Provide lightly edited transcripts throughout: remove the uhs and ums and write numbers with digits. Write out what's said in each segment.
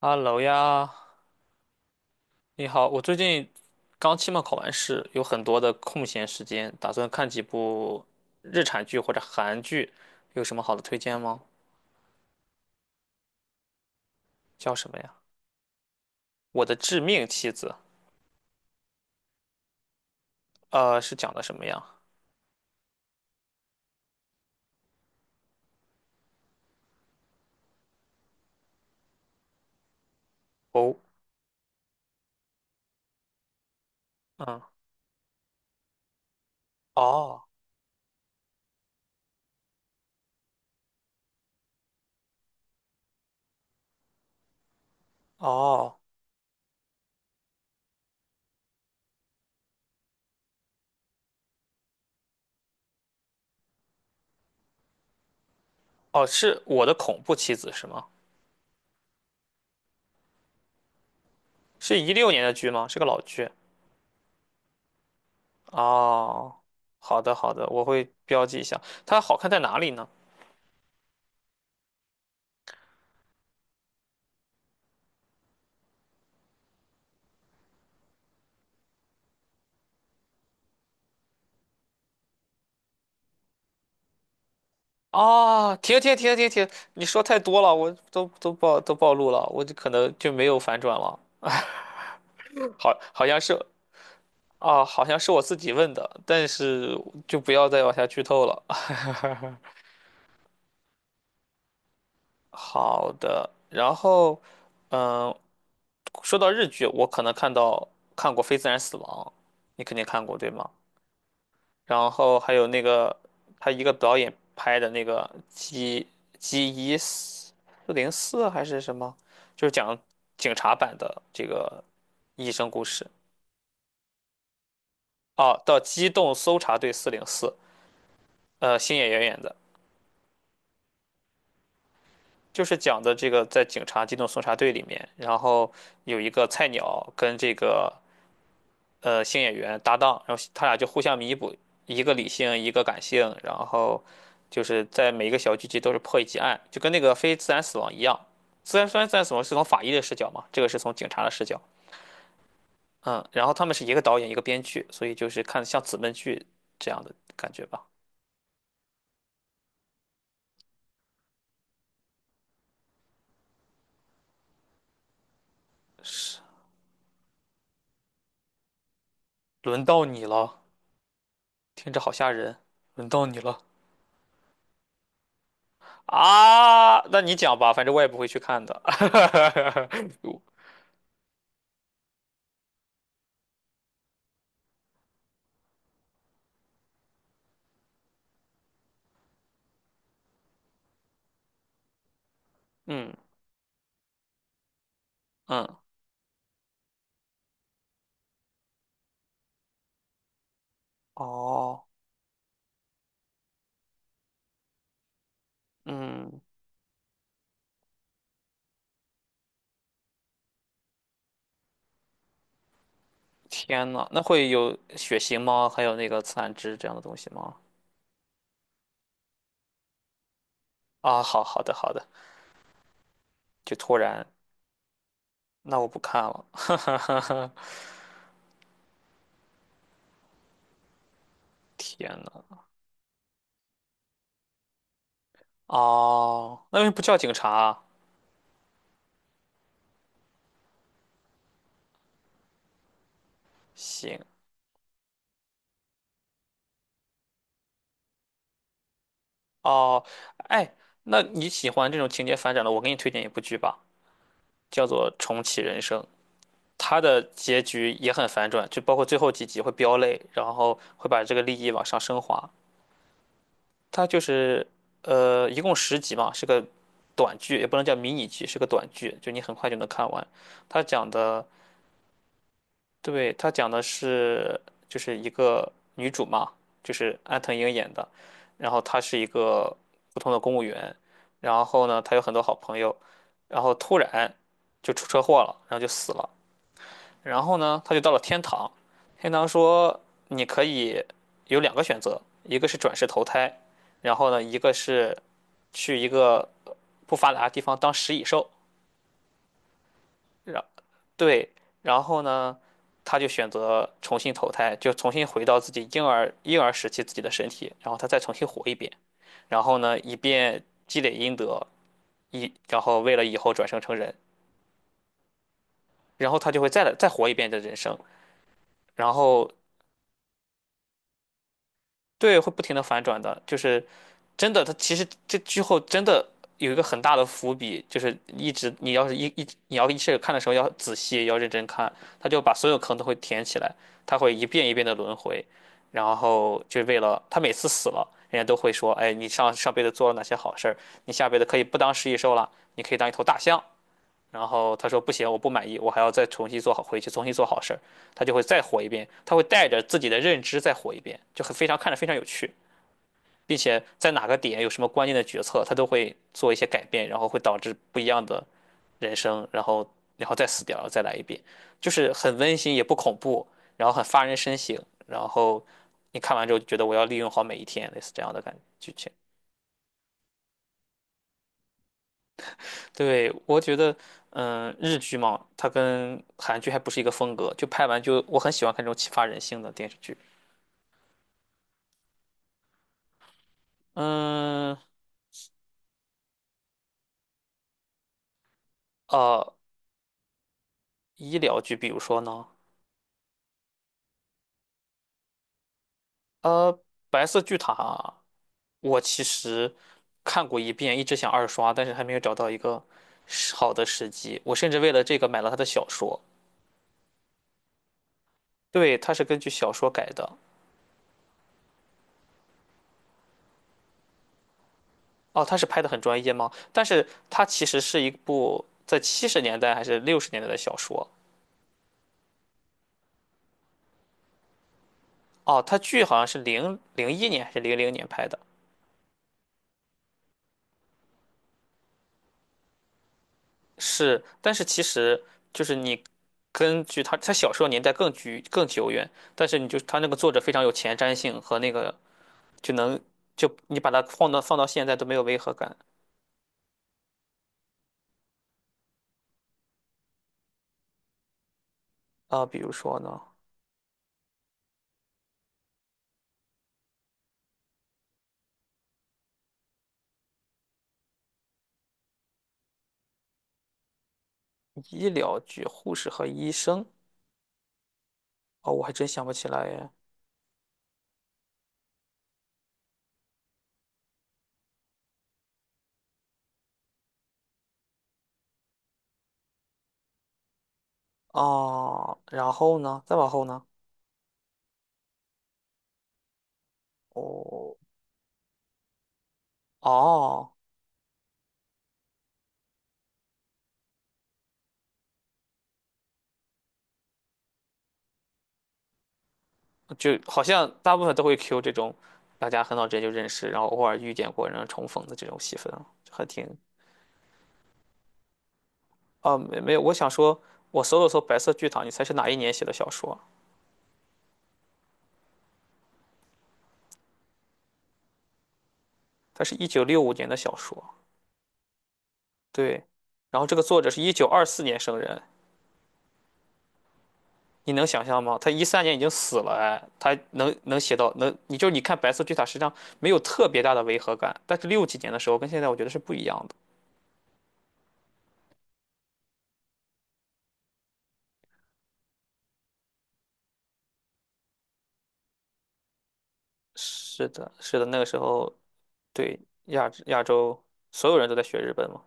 哈喽呀，你好，我最近刚期末考完试，有很多的空闲时间，打算看几部日产剧或者韩剧，有什么好的推荐吗？叫什么呀？我的致命妻子，是讲的什么呀？哦，嗯，哦，哦，哦，是我的恐怖妻子是吗？是16年的剧吗？是个老剧。哦，好的，好的，我会标记一下。它好看在哪里呢？啊，停停停停停！你说太多了，我都暴露了，我就可能就没有反转了。好，好像是啊，好像是我自己问的，但是就不要再往下剧透了。好的，然后，嗯，说到日剧，我可能看过《非自然死亡》，你肯定看过对吗？然后还有那个他一个导演拍的那个 G 1404还是什么，就是讲警察版的这个医生故事哦，到机动搜查队四零四，星野源演的，就是讲的这个在警察机动搜查队里面，然后有一个菜鸟跟新演员搭档，然后他俩就互相弥补，一个理性，一个感性，然后就是在每一个小剧集都是破一起案，就跟那个非自然死亡一样。虽然自然死亡是从法医的视角嘛，这个是从警察的视角，嗯，然后他们是一个导演一个编剧，所以就是看像姊妹剧这样的感觉吧。是，轮到你了，听着好吓人，轮到你了啊！那你讲吧，反正我也不会去看的。嗯嗯，哦，嗯。天呐，那会有血型吗？还有那个自然值这样的东西吗？啊，好好的好的，就突然，那我不看了。天呐，哦，那为什么不叫警察啊行，哦，哎，那你喜欢这种情节反转的，我给你推荐一部剧吧，叫做《重启人生》，它的结局也很反转，就包括最后几集会飙泪，然后会把这个利益往上升华。它就是一共10集嘛，是个短剧，也不能叫迷你剧，是个短剧，就你很快就能看完。它讲的，对，它讲的是就是一个女主嘛，就是安藤樱演的，然后她是一个普通的公务员，然后呢，她有很多好朋友，然后突然就出车祸了，然后就死了，然后呢，她就到了天堂，天堂说你可以有两个选择，一个是转世投胎，然后呢，一个是。去一个不发达的地方当食蚁兽，然对，然后呢，他就选择重新投胎，就重新回到自己婴儿时期自己的身体，然后他再重新活一遍，然后呢，以便积累阴德，然后为了以后转生成人，然后他就会再来再活一遍的人生，然后对，会不停的反转的，就是真的，他其实这之后真的有一个很大的伏笔，就是一直你要是你要一开始看的时候要仔细要认真看，他就把所有坑都会填起来，他会一遍一遍的轮回，然后就为了他每次死了，人家都会说，哎，你上上辈子做了哪些好事儿，你下辈子可以不当食蚁兽了，你可以当一头大象。然后他说不行，我不满意，我还要再重新做好，回去重新做好事儿，他就会再活一遍，他会带着自己的认知再活一遍，就很非常看着非常有趣。并且在哪个点有什么关键的决策，他都会做一些改变，然后会导致不一样的人生，然后再死掉，然后再来一遍，就是很温馨也不恐怖，然后很发人深省，然后你看完之后就觉得我要利用好每一天，类似这样的感觉剧情。对，我觉得，嗯，日剧嘛，它跟韩剧还不是一个风格，就拍完就我很喜欢看这种启发人性的电视剧。嗯，呃，医疗剧，比如说呢，呃，白色巨塔。我其实看过一遍，一直想二刷，但是还没有找到一个时好的时机。我甚至为了这个买了他的小说，对，他是根据小说改的。哦，他是拍的很专业吗？但是它其实是一部在70年代还是60年代的小说。哦，他剧好像是01年还是00年拍的，是，但是其实就是你根据他小说年代更久远，但是你就他那个作者非常有前瞻性和那个就能就你把它放到现在都没有违和感啊、比如说呢，医疗剧护士和医生，哦，我还真想不起来耶。哦，然后呢，再往后呢，哦哦，就好像大部分都会 Q 这种大家很早之前就认识，然后偶尔遇见过，然后重逢的这种戏份啊，就还挺啊，没有，我想说，我搜了搜《白色巨塔》，你猜是哪一年写的小说？它是1965年的小说，对，然后这个作者是1924年生人。你能想象吗？他13年已经死了，哎，他能写到能，你就你看《白色巨塔》实际上没有特别大的违和感，但是六几年的时候跟现在我觉得是不一样的。是的，是的，那个时候对亚洲所有人都在学日本嘛，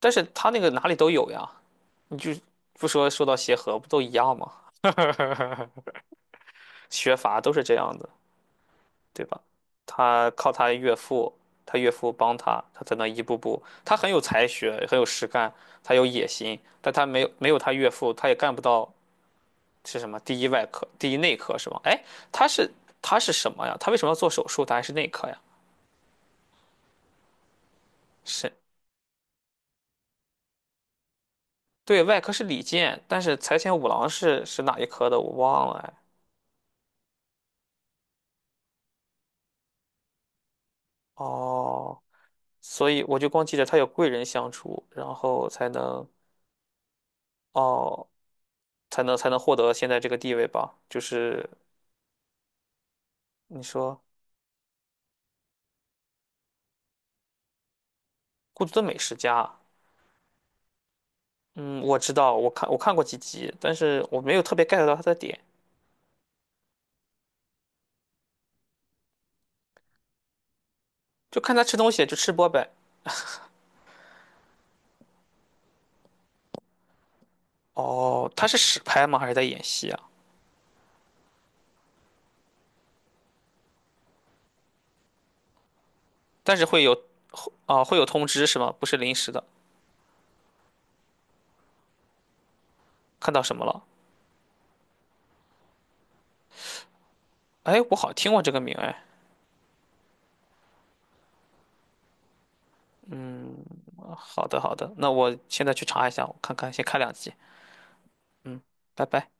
但是他那个哪里都有呀，你就不说，说到协和不都一样吗？学法都是这样的。对吧？他靠他岳父，他岳父帮他，他才能一步步。他很有才学，很有实干，他有野心，但他没有他岳父，他也干不到是什么第一外科、第一内科是吧？哎，他是他是什么呀？他为什么要做手术？他还是内科呀？是，对，外科是李健，但是财前五郎是哪一科的？我忘了哎。哦，所以我就光记着他有贵人相助，然后才能哦，才能才能获得现在这个地位吧？就是你说。孤独的美食家，嗯，我知道，我看过几集，但是我没有特别 get 到他的点，就看他吃东西就吃播呗。哦，他是实拍吗？还是在演戏啊？但是会有，啊、会有通知是吗？不是临时的。看到什么了？哎，我好像听过这个名哎。好的好的，那我现在去查一下，我看看，先看2集，拜拜。